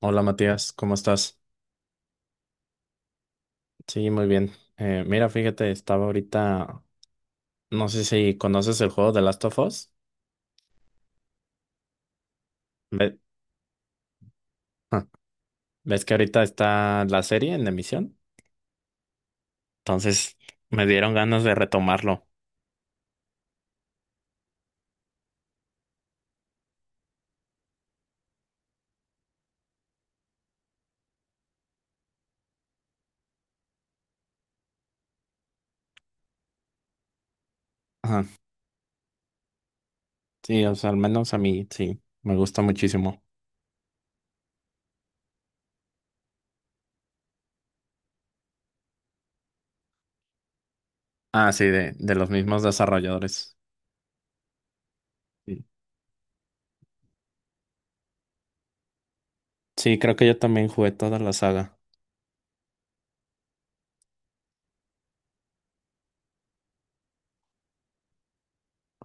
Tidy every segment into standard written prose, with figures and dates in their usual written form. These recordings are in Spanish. Hola Matías, ¿cómo estás? Sí, muy bien. Mira, fíjate, estaba ahorita, no sé si conoces el juego de Last of Us. Ve- ah, ¿ves que ahorita está la serie en emisión? Entonces me dieron ganas de retomarlo. Ajá. Sí, o sea, al menos a mí sí, me gusta muchísimo. Ah, sí, de los mismos desarrolladores. Sí, sí, creo que yo también jugué toda la saga.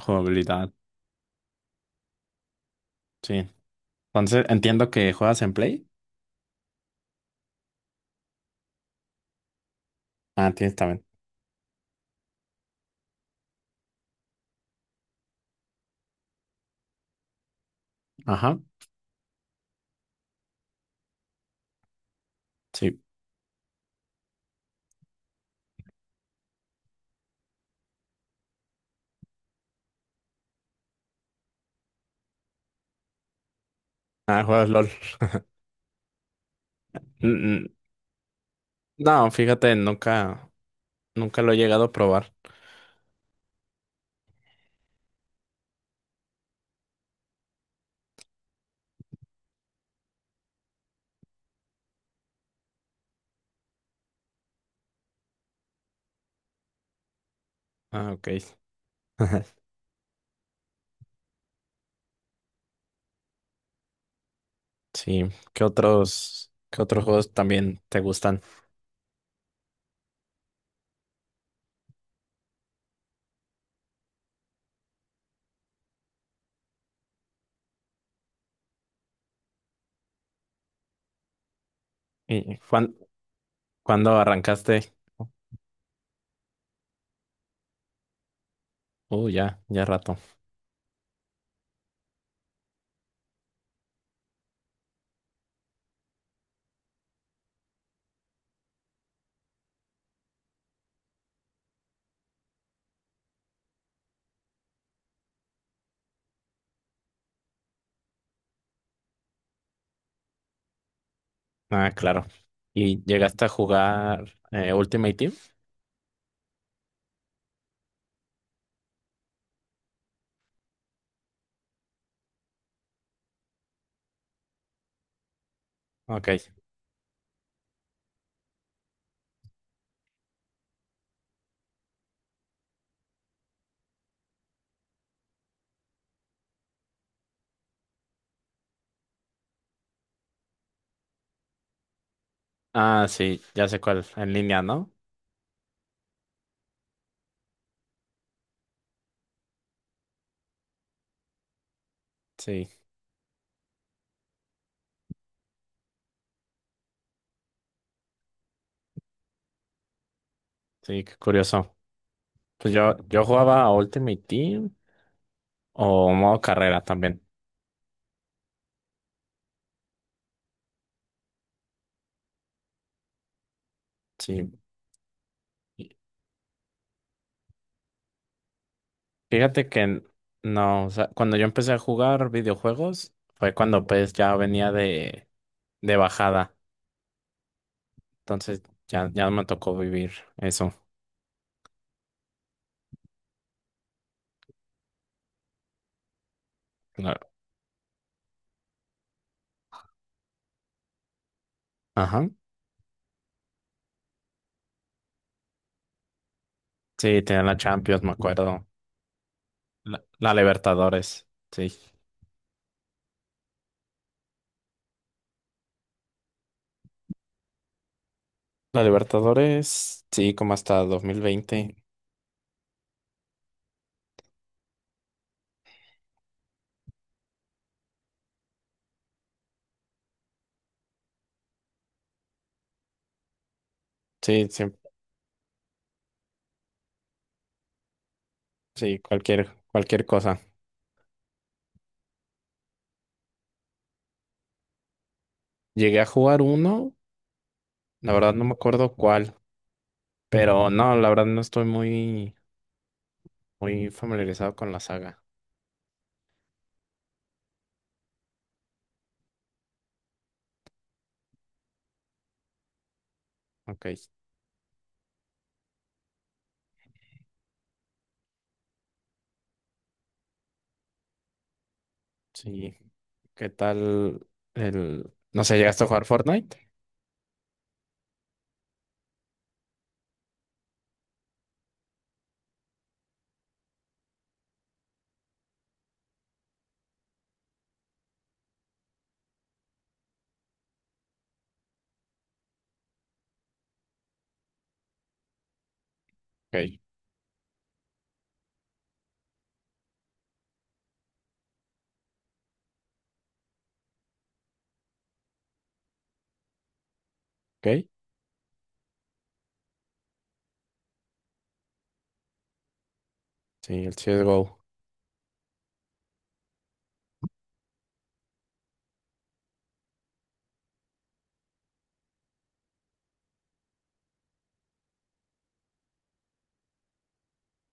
Jugabilidad, sí. Entonces entiendo que juegas en Play. Ah, tienes también. Ajá, sí. Ah, juegas LOL. No, fíjate, nunca lo he llegado a probar. Ah, ok. Sí, ¿qué otros juegos también te gustan? ¿Y cuándo arrancaste? Ya, ya rato. Ah, claro. ¿Y llegaste a jugar Ultimate Team? Ok. Ah, sí, ya sé cuál, en línea, ¿no? Sí, sí, qué curioso. Pues yo jugaba a Ultimate Team o modo carrera también. Sí. Fíjate que no, o sea, cuando yo empecé a jugar videojuegos fue cuando pues ya venía de bajada, entonces ya me tocó vivir eso. La- Ajá. Sí, tenía la Champions, me acuerdo. La Libertadores, sí. La Libertadores, sí, como hasta 2020. Sí, sí, sí, cualquier, cualquier cosa. Llegué a jugar uno, la verdad no me acuerdo cuál, pero no, la verdad no estoy muy, muy familiarizado con la saga. Ok. Sí. ¿Qué tal el... No sé, ¿Llegaste a jugar Fortnite? Ok, ok. Sí, el CSGO.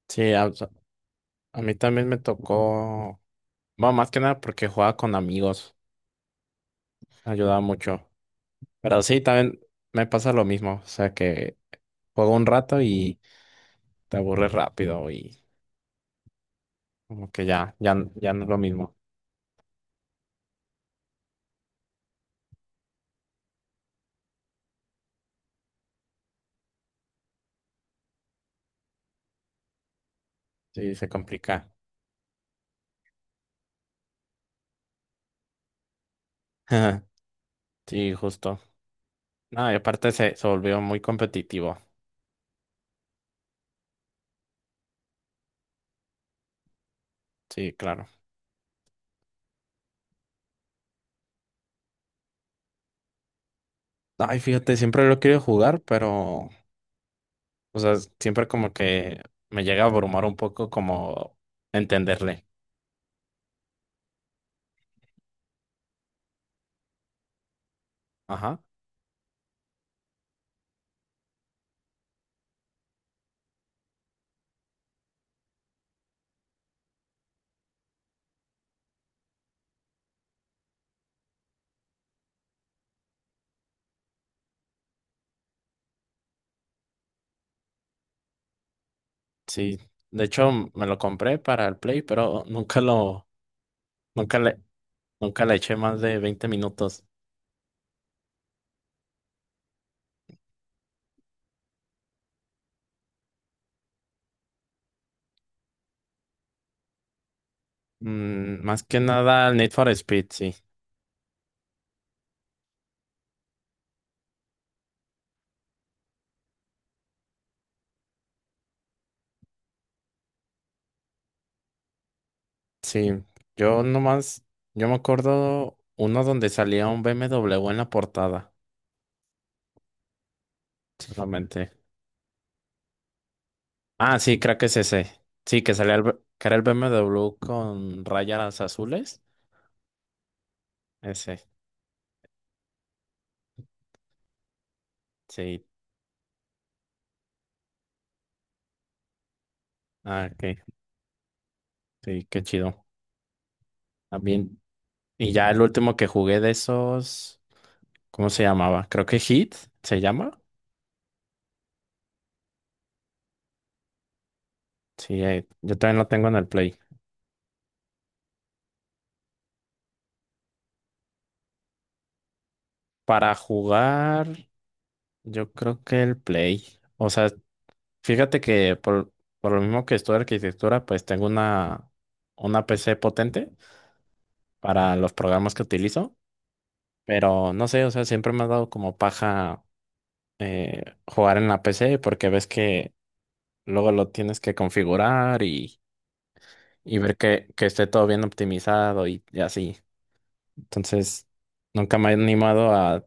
Sí, a mí también me tocó. Bueno, más que nada porque jugaba con amigos. Ayudaba mucho. Pero sí, también me pasa lo mismo. O sea, que juego un rato y te aburres rápido y como que ya, ya, ya no es lo mismo. Sí, se complica. Sí, justo. No, y aparte se volvió muy competitivo. Sí, claro. Ay, fíjate, siempre lo quiero jugar, pero o sea, siempre como que me llega a abrumar un poco como entenderle. Ajá. Sí. De hecho, me lo compré para el Play, pero nunca le, nunca le eché más de 20 minutos. Más que nada al Need for Speed, sí. Sí. Yo nomás, yo me acuerdo uno donde salía un BMW en la portada. Solamente. Ah, sí, creo que es ese. Sí, que salía que era el BMW con rayas azules. Ese. Sí. Ah, ok. Sí, qué chido. También. Y ya el último que jugué de esos, ¿cómo se llamaba? Creo que Hit se llama. Sí, yo también lo tengo en el Play. Para jugar, yo creo que el Play. O sea, fíjate que por lo mismo que estudio arquitectura, pues tengo una PC potente para los programas que utilizo. Pero no sé, o sea, siempre me ha dado como paja jugar en la PC porque ves que luego lo tienes que configurar y ver que esté todo bien optimizado y así. Entonces, nunca me he animado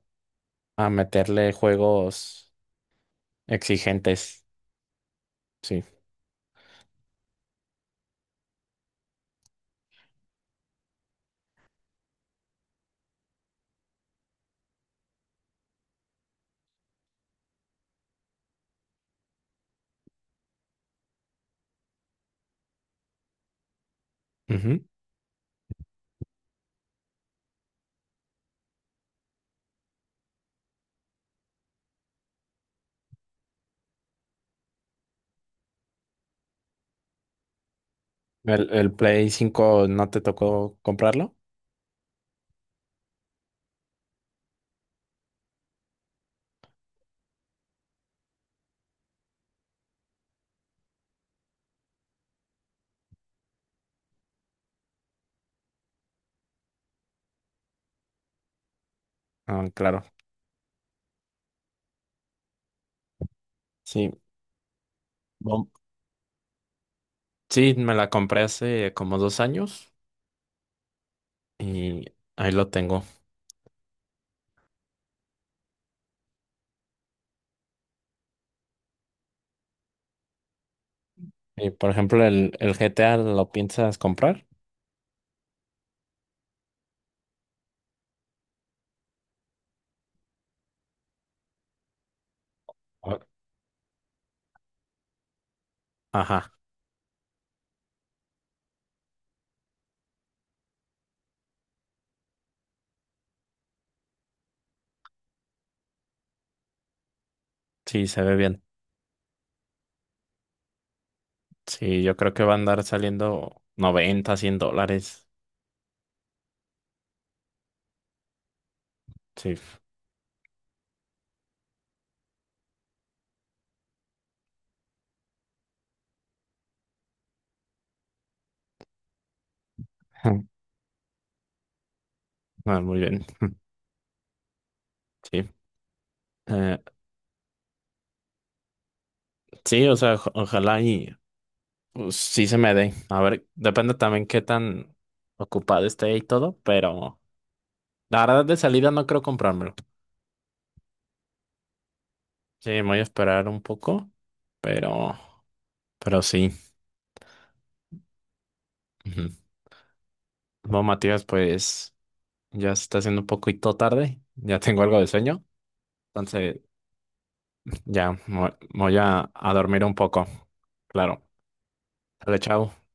a meterle juegos exigentes. Sí. Ujú. ¿El Play 5 no te tocó comprarlo? Ah, claro. Sí. Bom- Sí, me la compré hace como 2 años y ahí lo tengo. Y por ejemplo, ¿el GTA lo piensas comprar? Ah. Ajá, sí, se ve bien. Sí, yo creo que va a andar saliendo 90 100 dólares. Sí. Ah, muy bien. Sí. Eh, sí, o sea, ojalá y pues, sí se me dé. A ver, depende también qué tan ocupado esté y todo, pero la verdad de salida no creo comprármelo. Sí, me voy a esperar un poco, pero, pero sí. Ujú. Bueno, Matías, pues ya se está haciendo un poquito tarde, ya tengo algo de sueño, entonces ya me voy a dormir un poco. Claro. Dale, chao.